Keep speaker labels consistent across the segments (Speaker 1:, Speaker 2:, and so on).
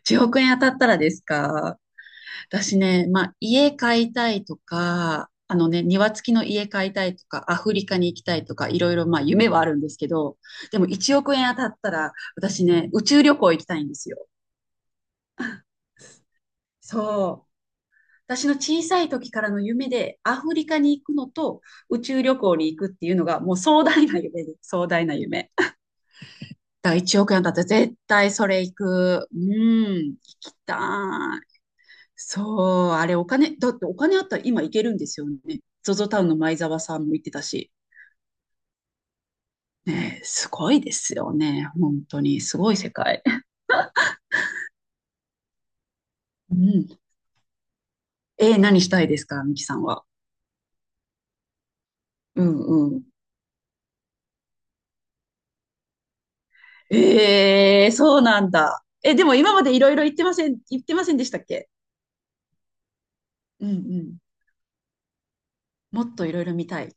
Speaker 1: 1億円当たったらですか？私ね、まあ、家買いたいとか、庭付きの家買いたいとか、アフリカに行きたいとか、いろいろまあ夢はあるんですけど、でも1億円当たったら、私ね、宇宙旅行行きたいんですよ。そう。私の小さい時からの夢で、アフリカに行くのと、宇宙旅行に行くっていうのが、もう壮大な夢です。壮大な夢。だから1億円当たったら絶対それ行く。うん、行きたそう、あれだってお金あったら今行けるんですよね。ゾゾタウンの前澤さんも行ってたし。ねえ、すごいですよね。本当に、すごい世界。うん。何したいですか、ミキさんは？うんうん。ええそうなんだ。え、でも今までいろいろ言ってませんでしたっけ？うんうん。もっといろいろ見たい。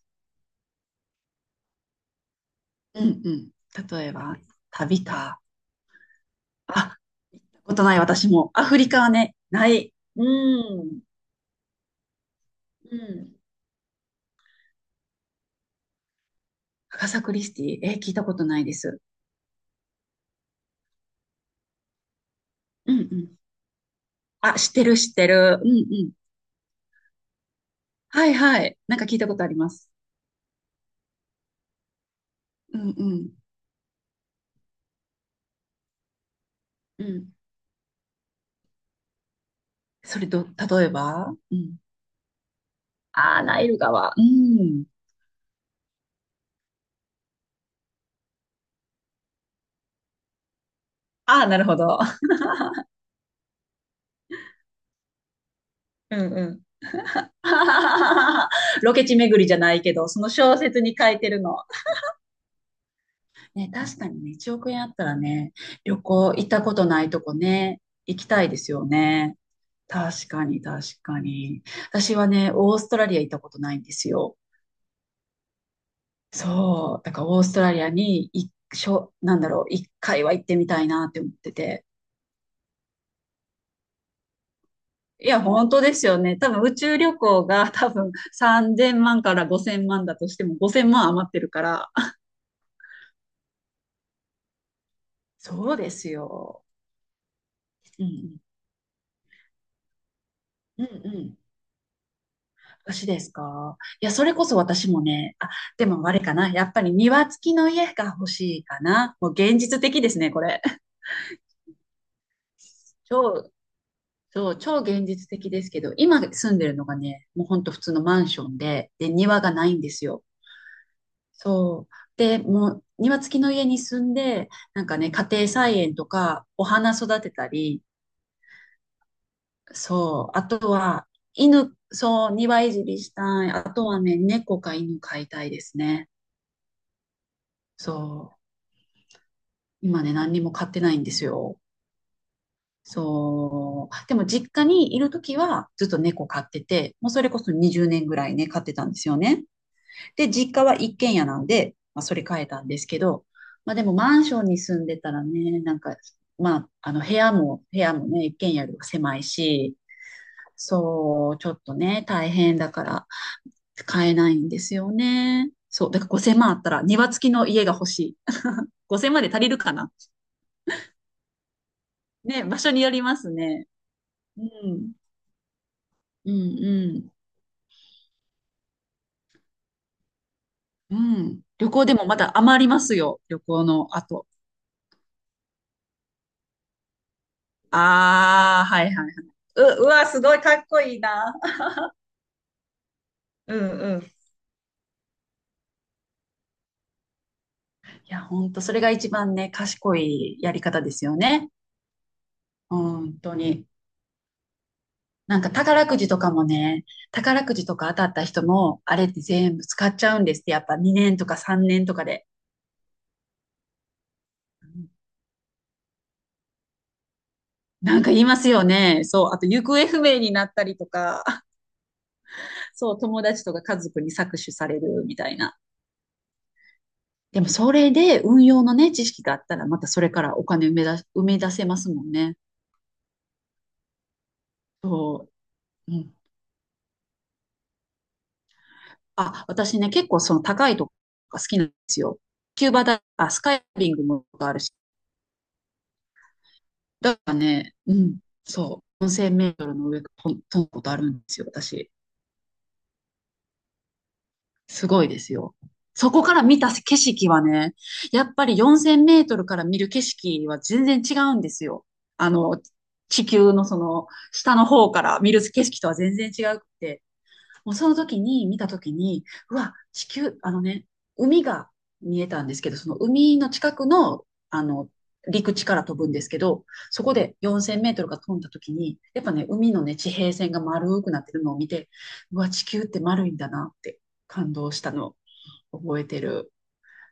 Speaker 1: うんうん。例えば、旅か。あ、ことない私も。アフリカはね、ない。うん。うん。アガサ・クリスティ、聞いたことないです。うんうん。あ、知ってる知ってる。うんうん。はいはい。なんか聞いたことあります。うんうん。うん。それと、例えばうん。ああ、ナイル川。うん。ああ、なるほど。うんうん。ロケ地巡りじゃないけど、その小説に書いてるの。ね、確かにね、1億円あったらね、旅行行ったことないとこね、行きたいですよね。確かに、確かに。私はね、オーストラリア行ったことないんですよ。そう、だからオーストラリアに一しょ、なんだろう、一回は行ってみたいなって思ってて。いや、本当ですよね。多分宇宙旅行が 多分3000万から5000万だとしても5000万余ってるから。そうですよ。うんうん。うんうん。私ですか。いや、それこそ私もね、あ、でもあれかな。やっぱり庭付きの家が欲しいかな。もう現実的ですね、これ。超そう、超現実的ですけど、今住んでるのがね、もうほんと普通のマンションで、庭がないんですよ。そう。で、もう庭付きの家に住んで、なんかね、家庭菜園とか、お花育てたり、そう。あとは、犬、そう、庭いじりしたい。あとはね、猫か犬飼いたいですね。そう。今ね、何にも飼ってないんですよ。そう。でも実家にいるときはずっと猫飼ってて、もうそれこそ20年ぐらいね、飼ってたんですよね。で、実家は一軒家なんで、まあ、それ変えたんですけど、まあでもマンションに住んでたらね、なんか、まあ、部屋もね、一軒家よりは狭いし、そう、ちょっとね、大変だから買えないんですよね。そう、だから5千万あったら庭付きの家が欲しい。5千0万で足りるかな？ね、場所によりますね。うん、うん、うん、うん。旅行でもまだ余りますよ、旅行の後。あー、はいはいはい。うわ、すごいかっこいいな。うんうん。いや、本当それが一番ね、賢いやり方ですよね。本当に。なんか宝くじとかもね、宝くじとか当たった人も、あれって全部使っちゃうんですって、やっぱ2年とか3年とかで。うん。なんか言いますよね。そう。あと、行方不明になったりとか、そう、友達とか家族に搾取されるみたいな。でも、それで運用のね、知識があったら、またそれからお金埋め出せますもんね。そう。あ、私ね、結構その高いとこが好きなんですよ。キューバだ、あ、スカイダイビングもあるし。だからね、うん、そう。4000メートルの上飛んだことあるんですよ、私。すごいですよ。そこから見た景色はね、やっぱり4000メートルから見る景色は全然違うんですよ。あの、地球のその下の方から見る景色とは全然違くて。もうその時に見た時に、うわ、地球、海が見えたんですけど、その海の近くの、陸地から飛ぶんですけど、そこで4000メートルが飛んだ時に、やっぱね、海のね、地平線が丸くなってるのを見て、うわ、地球って丸いんだなって感動したのを覚えてる。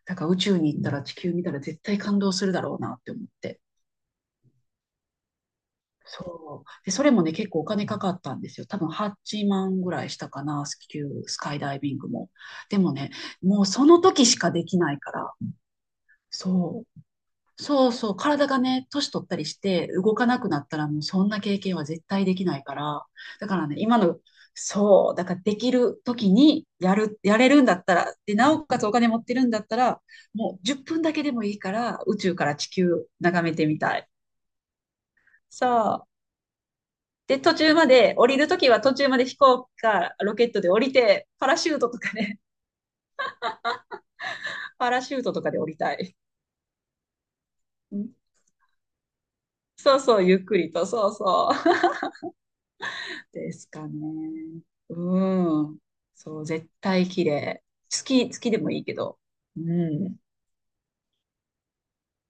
Speaker 1: だから宇宙に行ったら地球見たら絶対感動するだろうなって思って。そう。で、それもね、結構お金かかったんですよ。多分8万ぐらいしたかな、スキュー、スカイダイビングも。でもね、もうその時しかできないから、そう。そうそう、体がね、年取ったりして動かなくなったらもうそんな経験は絶対できないから、だからね、今の、そう、だからできる時にやれるんだったら、で、なおかつお金持ってるんだったら、もう10分だけでもいいから宇宙から地球眺めてみたい。そう。で、途中まで、降りるときは途中まで飛行機かロケットで降りて、パラシュートとかね、パラシュートとかで降りたい。うん。そうそう、ゆっくりと、そうそう。ですかね。うん。そう、絶対綺麗。月でもいいけど。うん。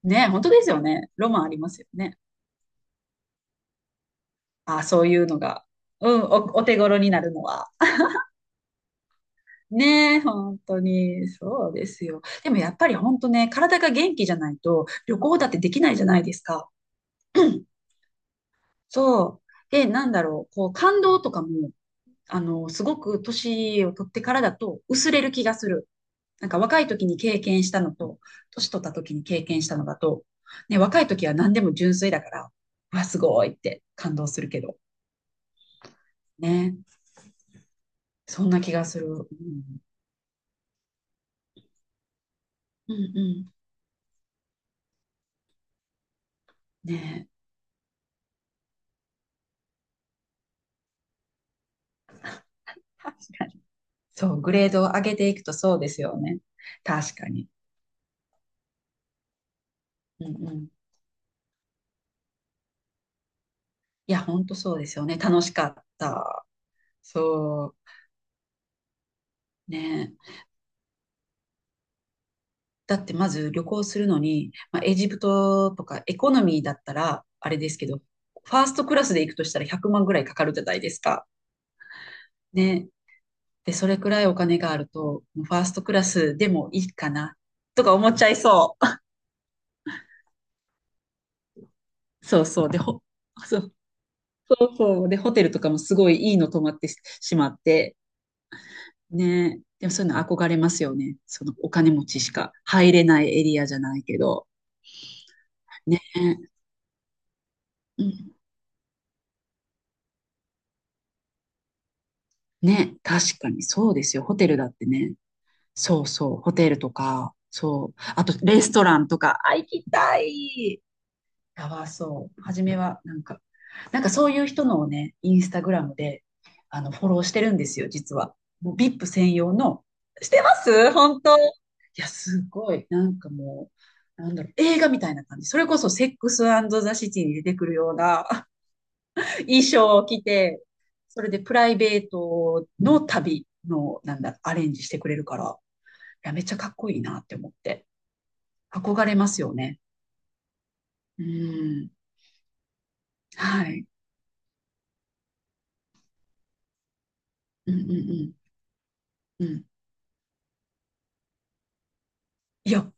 Speaker 1: ね、本当ですよね。ロマンありますよね。あ、そういうのが。うん、お手頃になるのは。ねえ、本当に、そうですよ。でもやっぱり本当ね、体が元気じゃないと旅行だってできないじゃないですか。そう。で、なんだろう、こう、感動とかも、すごく年を取ってからだと薄れる気がする。なんか若い時に経験したのと、年取った時に経験したのだと、ね、若い時は何でも純粋だから、うわ、すごいって感動するけど、ね。そんな気がする。うん、うん、うん。ね。確かに。そう、グレードを上げていくとそうですよね。確かに。うんうん。いや、ほんとそうですよね。楽しかった。そう。ね。だってまず旅行するのに、まあ、エジプトとかエコノミーだったら、あれですけど、ファーストクラスで行くとしたら100万ぐらいかかるじゃないですか。ね。で、それくらいお金があると、もうファーストクラスでもいいかな、とか思っちゃいそう。そうそう。で、そうそう。で、ホテルとかもすごいいいの泊まってししまって、ね。でもそういうの憧れますよね。そのお金持ちしか入れないエリアじゃないけど。ね。うん。ね、確かにそうですよ。ホテルだってね、そうそう、ホテルとか、そう、あとレストランとか、あ、行きたい。やばそう。初めは、なんか、そういう人のをね、インスタグラムで、フォローしてるんですよ、実は。もう VIP 専用の、してます本当。いや、すごい。なんかもう、なんだろう、映画みたいな感じ。それこそ、セックスザ・シティに出てくるような 衣装を着て、それでプライベートの旅の、なんだ、アレンジしてくれるから。や、めっちゃかっこいいなって思って、憧れますよね。うん。はい。うんうんうん。うん。いや、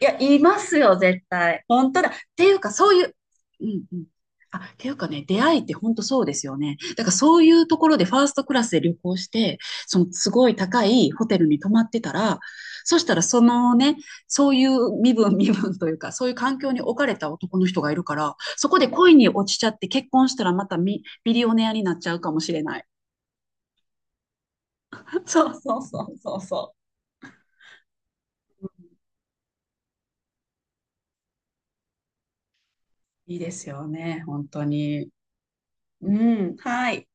Speaker 1: いや、いますよ、絶対。本当だ。っていうか、そういう、うんうん。あ、っていうかね、出会いって本当そうですよね。だからそういうところでファーストクラスで旅行して、そのすごい高いホテルに泊まってたら、そしたらそのね、そういう身分というか、そういう環境に置かれた男の人がいるから、そこで恋に落ちちゃって結婚したらまたビリオネアになっちゃうかもしれない。そうそうそうそうそう。いいですよね、本当に。うん、はい。